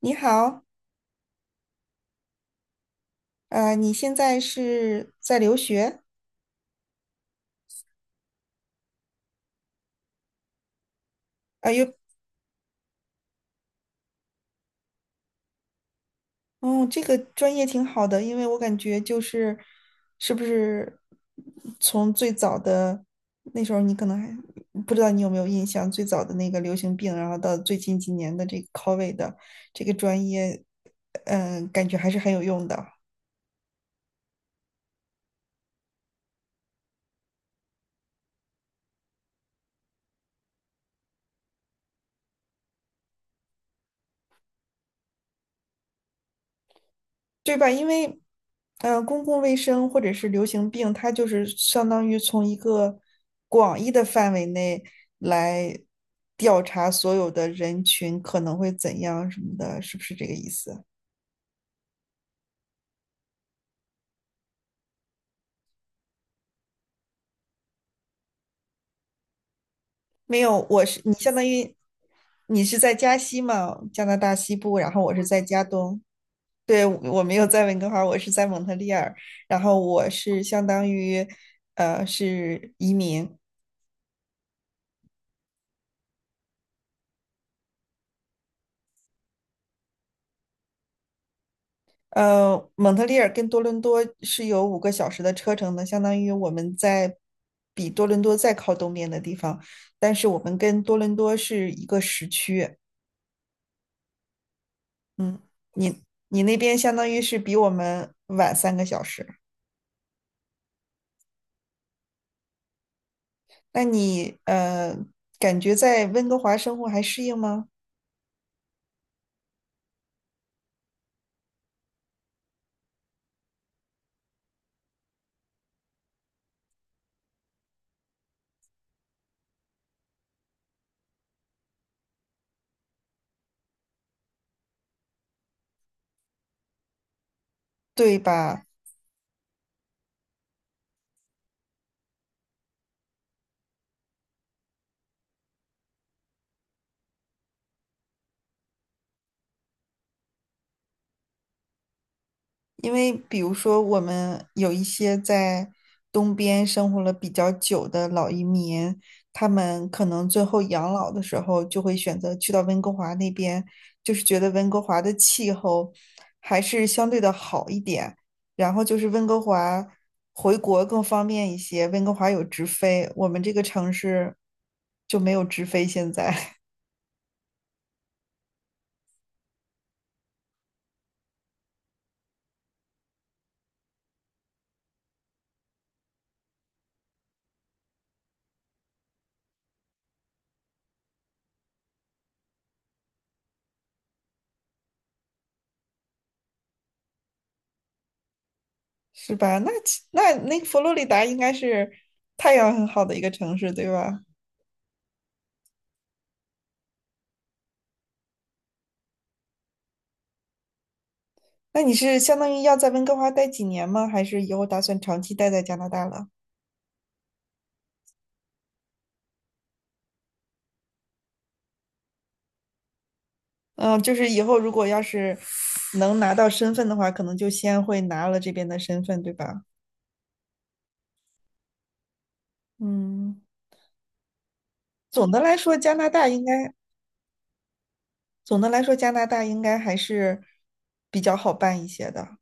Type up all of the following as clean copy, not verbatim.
你好，你现在是在留学？啊？有，哦，这个专业挺好的，因为我感觉就是，是不是从最早的那时候，你可能还不知道你有没有印象，最早的那个流行病，然后到最近几年的这个 COVID 的这个专业，嗯、感觉还是很有用的。对吧？因为，公共卫生或者是流行病，它就是相当于从一个广义的范围内来调查所有的人群可能会怎样什么的，是不是这个意思？没有，我是你相当于你是在加西嘛，加拿大西部，然后我是在加东。对，我没有在温哥华，我是在蒙特利尔，然后我是相当于是移民。呃，蒙特利尔跟多伦多是有5个小时的车程的，相当于我们在比多伦多再靠东边的地方，但是我们跟多伦多是一个时区。嗯，你你那边相当于是比我们晚3个小时。那你感觉在温哥华生活还适应吗？对吧？因为比如说，我们有一些在东边生活了比较久的老移民，他们可能最后养老的时候就会选择去到温哥华那边，就是觉得温哥华的气候还是相对的好一点，然后就是温哥华回国更方便一些，温哥华有直飞，我们这个城市就没有直飞，现在是吧？那其那那个佛罗里达应该是太阳很好的一个城市，对吧？那你是相当于要在温哥华待几年吗？还是以后打算长期待在加拿大了？嗯，就是以后如果要是能拿到身份的话，可能就先会拿了这边的身份，对吧？嗯，总的来说，加拿大应该，总的来说，加拿大应该还是比较好办一些的。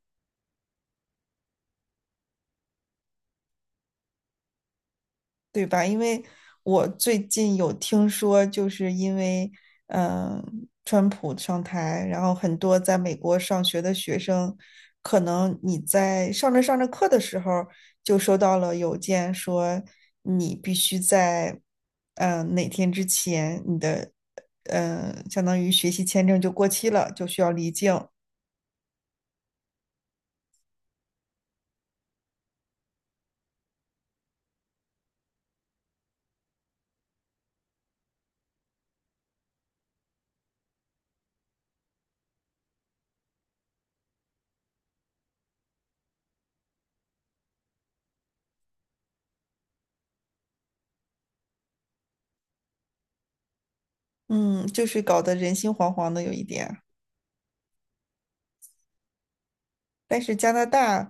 对吧？因为我最近有听说，就是因为嗯、呃川普上台，然后很多在美国上学的学生，可能你在上着上着课的时候，就收到了邮件说你必须在哪天之前，你的相当于学习签证就过期了，就需要离境。嗯，就是搞得人心惶惶的有一点。但是加拿大，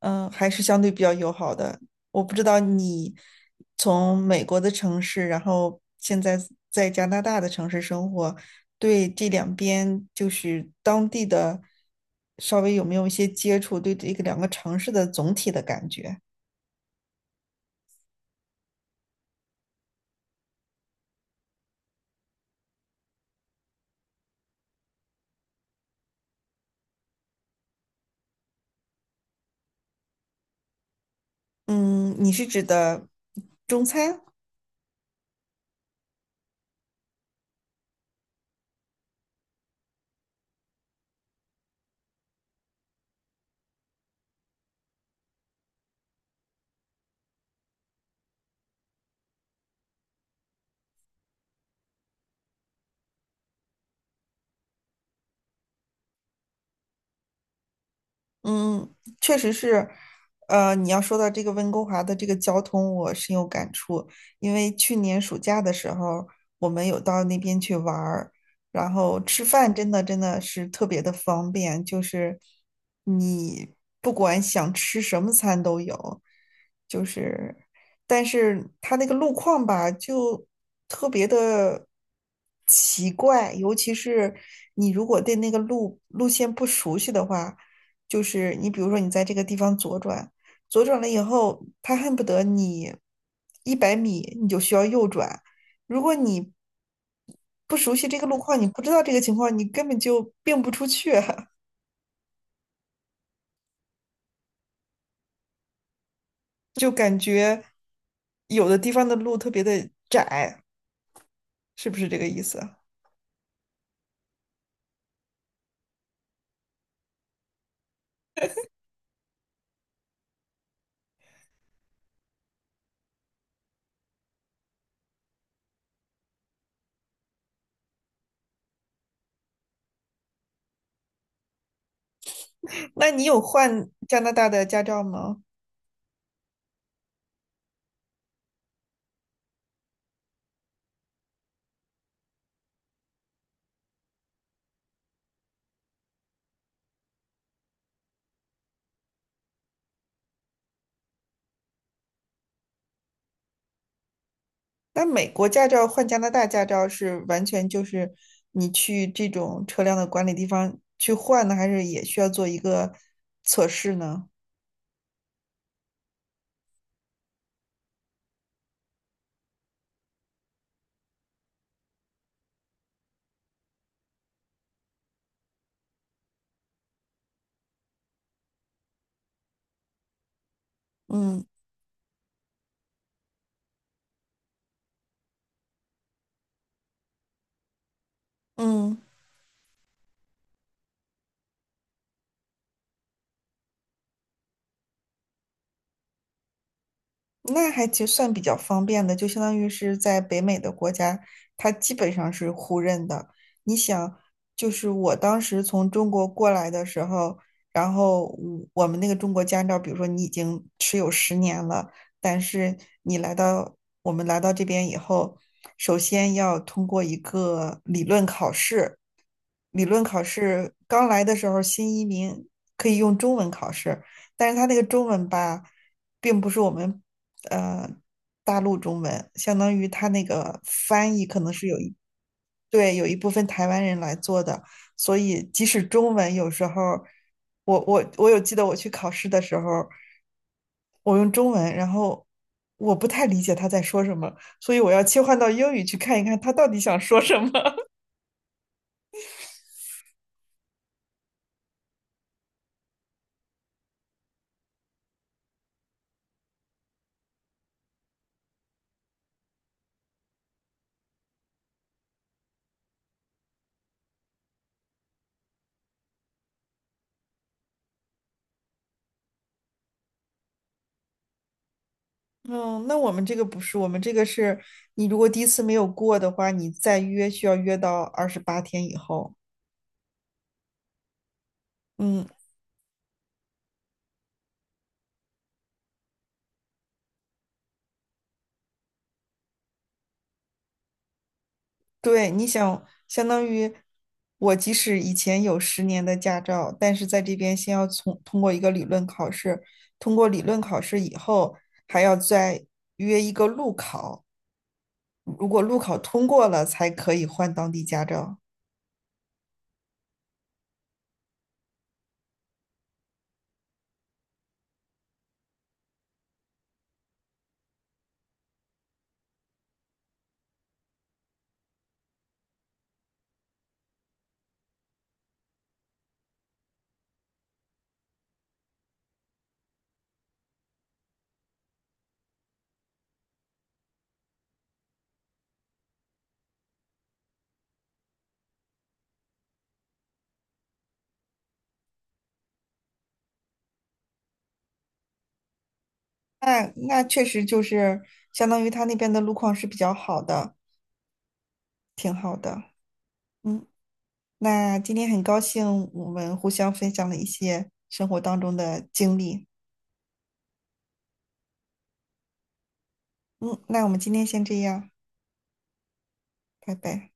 嗯、还是相对比较友好的。我不知道你从美国的城市，然后现在在加拿大的城市生活，对这两边就是当地的稍微有没有一些接触，对这个两个城市的总体的感觉？嗯，你是指的中餐？嗯，确实是，你要说到这个温哥华的这个交通，我深有感触。因为去年暑假的时候，我们有到那边去玩儿，然后吃饭真的是特别的方便，就是你不管想吃什么餐都有，就是，但是它那个路况吧，就特别的奇怪，尤其是你如果对那个路线不熟悉的话。就是你比如说你在这个地方左转，左转了以后，他恨不得你100米你就需要右转，如果你不熟悉这个路况，你不知道这个情况，你根本就并不出去，就感觉有的地方的路特别的窄，是不是这个意思？那你有换加拿大的驾照吗？那美国驾照换加拿大驾照是完全就是你去这种车辆的管理地方去换呢，还是也需要做一个测试呢？嗯嗯。那还其实算比较方便的，就相当于是在北美的国家，它基本上是互认的。你想，就是我当时从中国过来的时候，然后我们那个中国驾照，比如说你已经持有十年了，但是你来到我们来到这边以后，首先要通过一个理论考试。理论考试刚来的时候，新移民可以用中文考试，但是他那个中文吧。并不是我们呃大陆中文，相当于它那个翻译可能是有一对有一部分台湾人来做的，所以即使中文有时候，我有记得我去考试的时候，我用中文，然后我不太理解他在说什么，所以我要切换到英语去看一看他到底想说什么。嗯，那我们这个不是，我们这个是你如果第一次没有过的话，你再约需要约到28天以后。嗯。对，你想，相当于我即使以前有十年的驾照，但是在这边先要从通过一个理论考试，通过理论考试以后，还要再约一个路考，如果路考通过了，才可以换当地驾照。那那确实就是相当于他那边的路况是比较好的，挺好的。嗯，那今天很高兴我们互相分享了一些生活当中的经历。嗯，那我们今天先这样，拜拜。